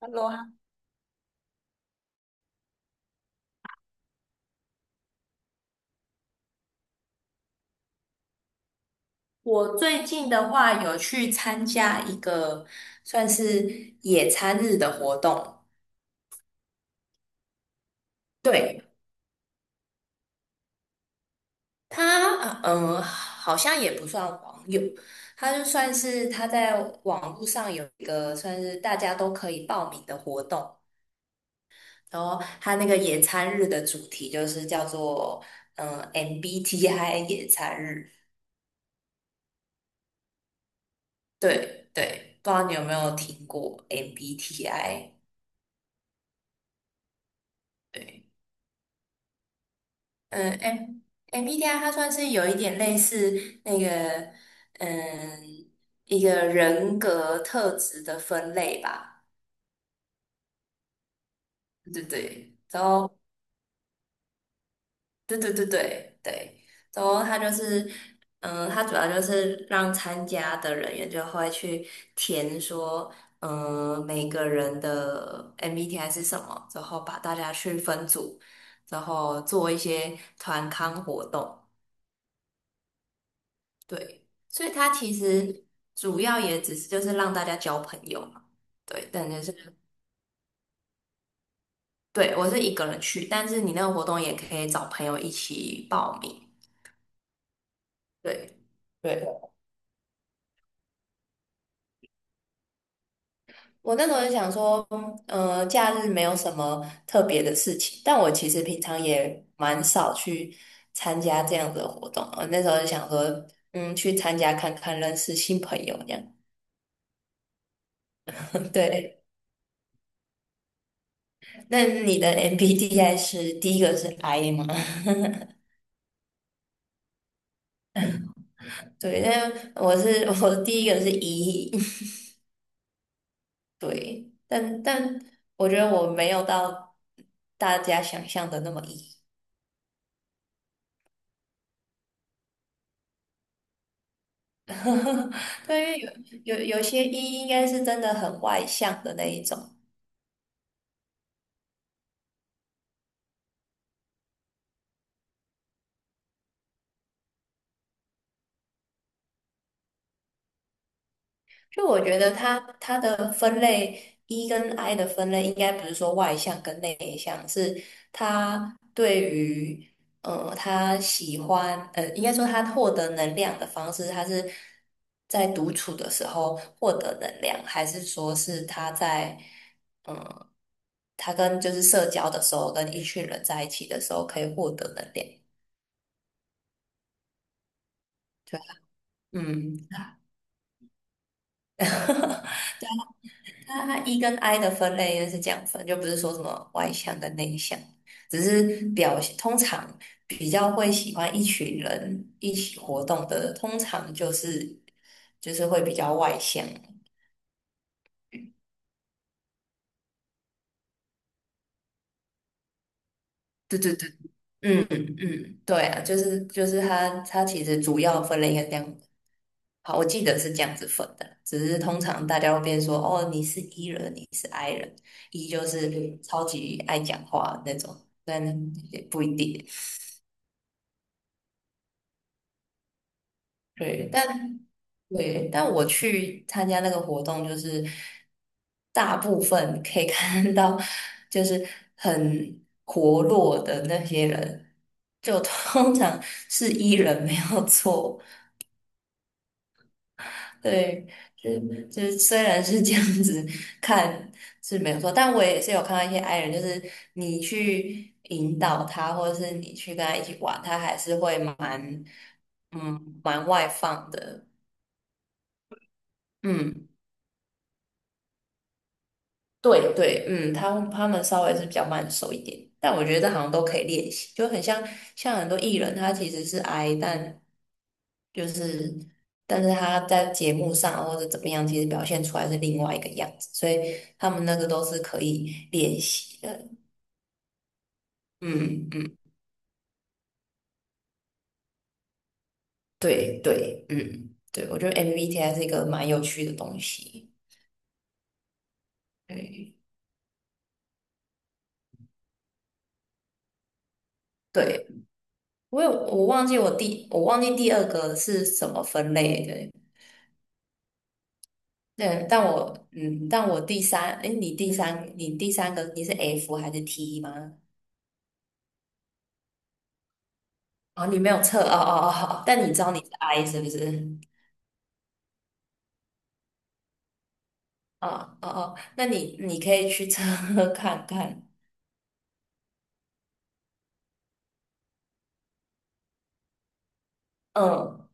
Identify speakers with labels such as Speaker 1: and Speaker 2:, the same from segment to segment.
Speaker 1: Hello 啊，我最近的话有去参加一个算是野餐日的活动。对，他，好像也不算网友，他就算是他在网络上有一个算是大家都可以报名的活动。然后他那个野餐日的主题就是叫做MBTI 野餐日。对对，不知道你有没有听过 MBTI？对。嗯，M MBTI 它算是有一点类似那个，嗯，一个人格特质的分类吧。对对，然后对对对对对，然后它就是，它主要就是让参加的人员就会去填说，每个人的 MBTI 是什么，然后把大家去分组，然后做一些团康活动。对，所以它其实主要也只是就是让大家交朋友嘛。对，但就是，对，我是一个人去，但是你那个活动也可以找朋友一起报名。对，对，我那时候就想说，假日没有什么特别的事情，但我其实平常也蛮少去参加这样子的活动。我那时候就想说，去参加看看，认识新朋友这样。对，那你的 MBTI 是第一个是 I 吗？对，但我是 我的第一个是 E。对，但我觉得我没有到大家想象的那么 E。对，因为有些 E 应该是真的很外向的那一种。就我觉得他的分类 E 跟 I 的分类，应该不是说外向跟内向，是他对于他喜欢，应该说他获得能量的方式，他是在独处的时候获得能量，还是说是他在嗯、呃他跟就是社交的时候，跟一群人在一起的时候可以获得能量？对啊，嗯。它 E 跟 I 的分类就是这样分，就不是说什么外向跟内向，只是表现通常比较会喜欢一群人一起活动的，通常就是会比较外向。对对对，嗯嗯，嗯，对啊，就是它其实主要分类应该这样。好，我记得是这样子分的，只是通常大家会变说哦，你是 E 人，你是 I 人，E 就是超级爱讲话那种，但也不一定。对，对，但我去参加那个活动，就是大部分可以 看到，就是很活络的那些人，就通常是 E 人没有错。对，就就是虽然是这样子看是没有错，但我也是有看到一些 I 人，就是你去引导他，或者是你去跟他一起玩，他还是会蛮外放的。嗯。对对，嗯，他们稍微是比较慢熟一点，但我觉得这好像都可以练习，就很像很多艺人，他其实是 I，就是但是他在节目上啊或者怎么样，其实表现出来是另外一个样子，所以他们那个都是可以练习的。嗯嗯，对对，嗯对，我觉得 MBTI 是一个蛮有趣的东西。对对，我忘记第二个是什么分类的。对，但我嗯，但我第三，哎，你第三，你第三个你是 F 还是 T 吗？哦，你没有测，哦哦哦，哦 但你知道你是 I 是不是？哦哦哦，那你可以去测 看看。嗯，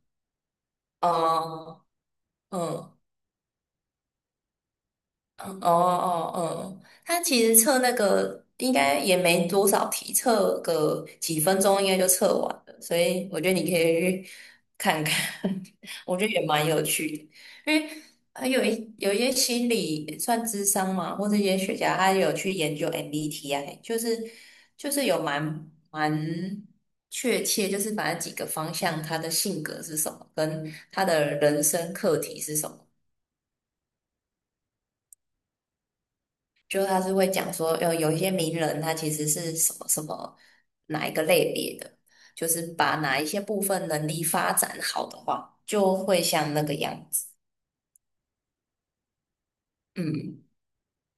Speaker 1: 哦，嗯。哦哦哦，他其实测那个应该也没多少题，测个几分钟应该就测完了，所以我觉得你可以去看看。我觉得也蛮有趣的，因为还有一些心理算智商嘛，或者一些学家他有去研究 MBTI，就是有蛮确切，就是把那几个方向他的性格是什么，跟他的人生课题是什么。就他是会讲说，有一些名人他其实是什么什么哪一个类别的，就是把哪一些部分能力发展好的话，就会像那个样子。嗯，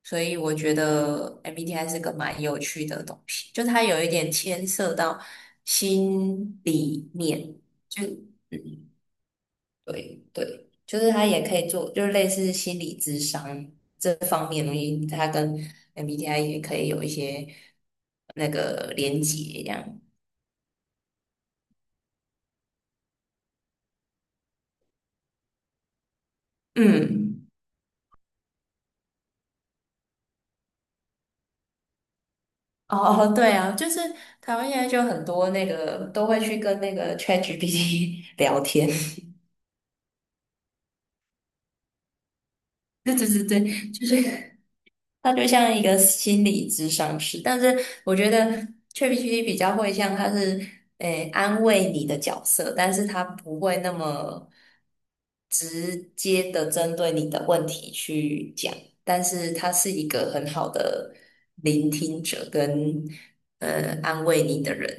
Speaker 1: 所以我觉得 MBTI 是个蛮有趣的东西，就它有一点牵涉到心里面，就。嗯。对对，就是他也可以做，就是类似心理智商这方面的东西，他跟 MBTI 也可以有一些那个连接这样。嗯，哦，哦对啊，就是台湾现在就很多那个都会去跟那个 ChatGPT 聊天。对对对对，就是他就像一个心理咨商师，但是我觉得 ChatGPT 比较会像他是安慰你的角色，但是他不会那么直接的针对你的问题去讲，但是他是一个很好的聆听者跟安慰你的人。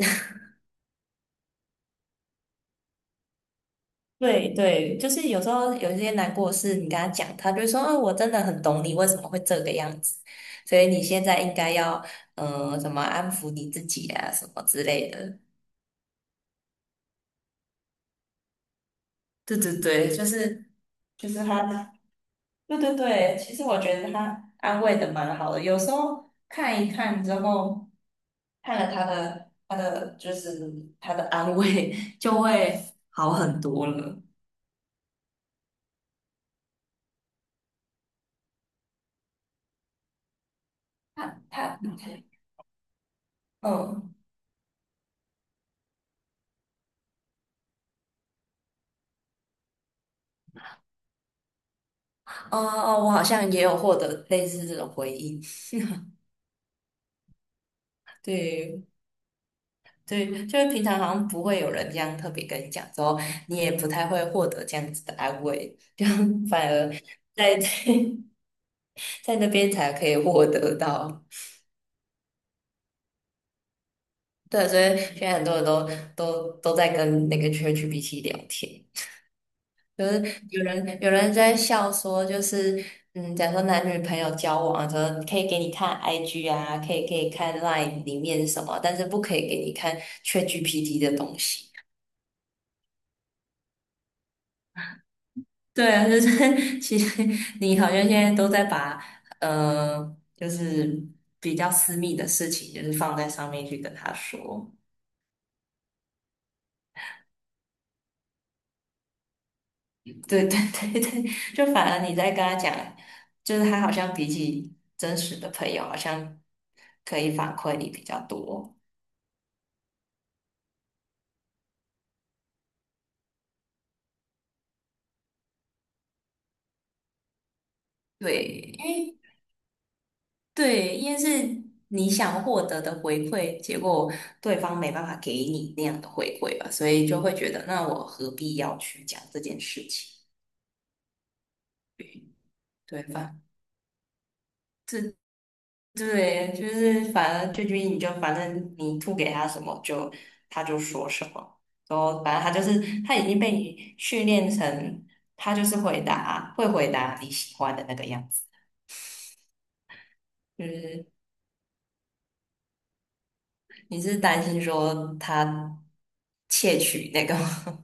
Speaker 1: 对对，就是有时候有一些难过的事，你跟他讲，他就会说：“哦，我真的很懂你，为什么会这个样子？所以你现在应该要，怎么安抚你自己啊，什么之类的。”对对对，就是他，对对对，其实我觉得他安慰的蛮好的。有时候看一看之后，看了他的安慰，就会好很多了。他他嗯。哦哦，我好像也有获得类似这种回应。对对，就是平常好像不会有人这样特别跟你讲，之后你也不太会获得这样子的安慰，就 反而在 在那边才可以获得到。对，所以现在很多人都在跟那个 ChatGPT 聊天。就是有人在笑说，就是假如说男女朋友交往的时候，可以给你看 IG 啊，可以看 Line 里面什么，但是不可以给你看 ChatGPT 的东西。对啊，就是 其实你好像现在都在把就是比较私密的事情，就是放在上面去跟他说。对对对对，就反而你在跟他讲，就是他好像比起真实的朋友，好像可以反馈你比较多。对，因为是你想获得的回馈，结果对方没办法给你那样的回馈吧，所以就会觉得，那我何必要去讲这件事情？对吧？这对，就是反正俊君你就反正你吐给他什么就他就说什么，然后反正他就是他已经被你训练成他就是会回答你喜欢的那个样子。就是你是担心说他窃取那个吗？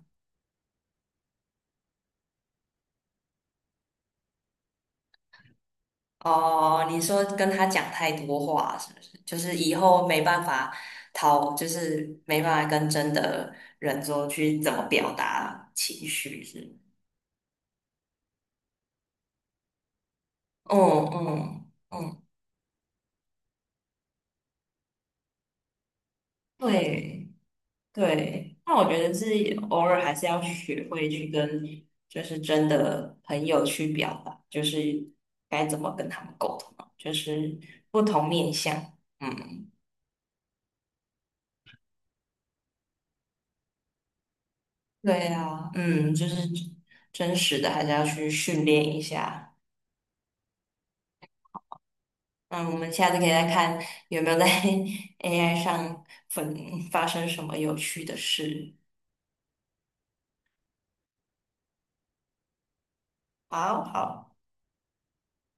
Speaker 1: 哦，你说跟他讲太多话是不是？就是以后没办法讨，就是没办法跟真的人说去怎么表达情绪是吗？嗯嗯嗯，对对。那我觉得是偶尔还是要学会去跟就是真的朋友去表达，就是该怎么跟他们沟通啊，就是不同面向。嗯，对啊，嗯，就是真实的还是要去训练一下。嗯，我们下次可以再看有没有在 AI 上分发生什么有趣的事。好好。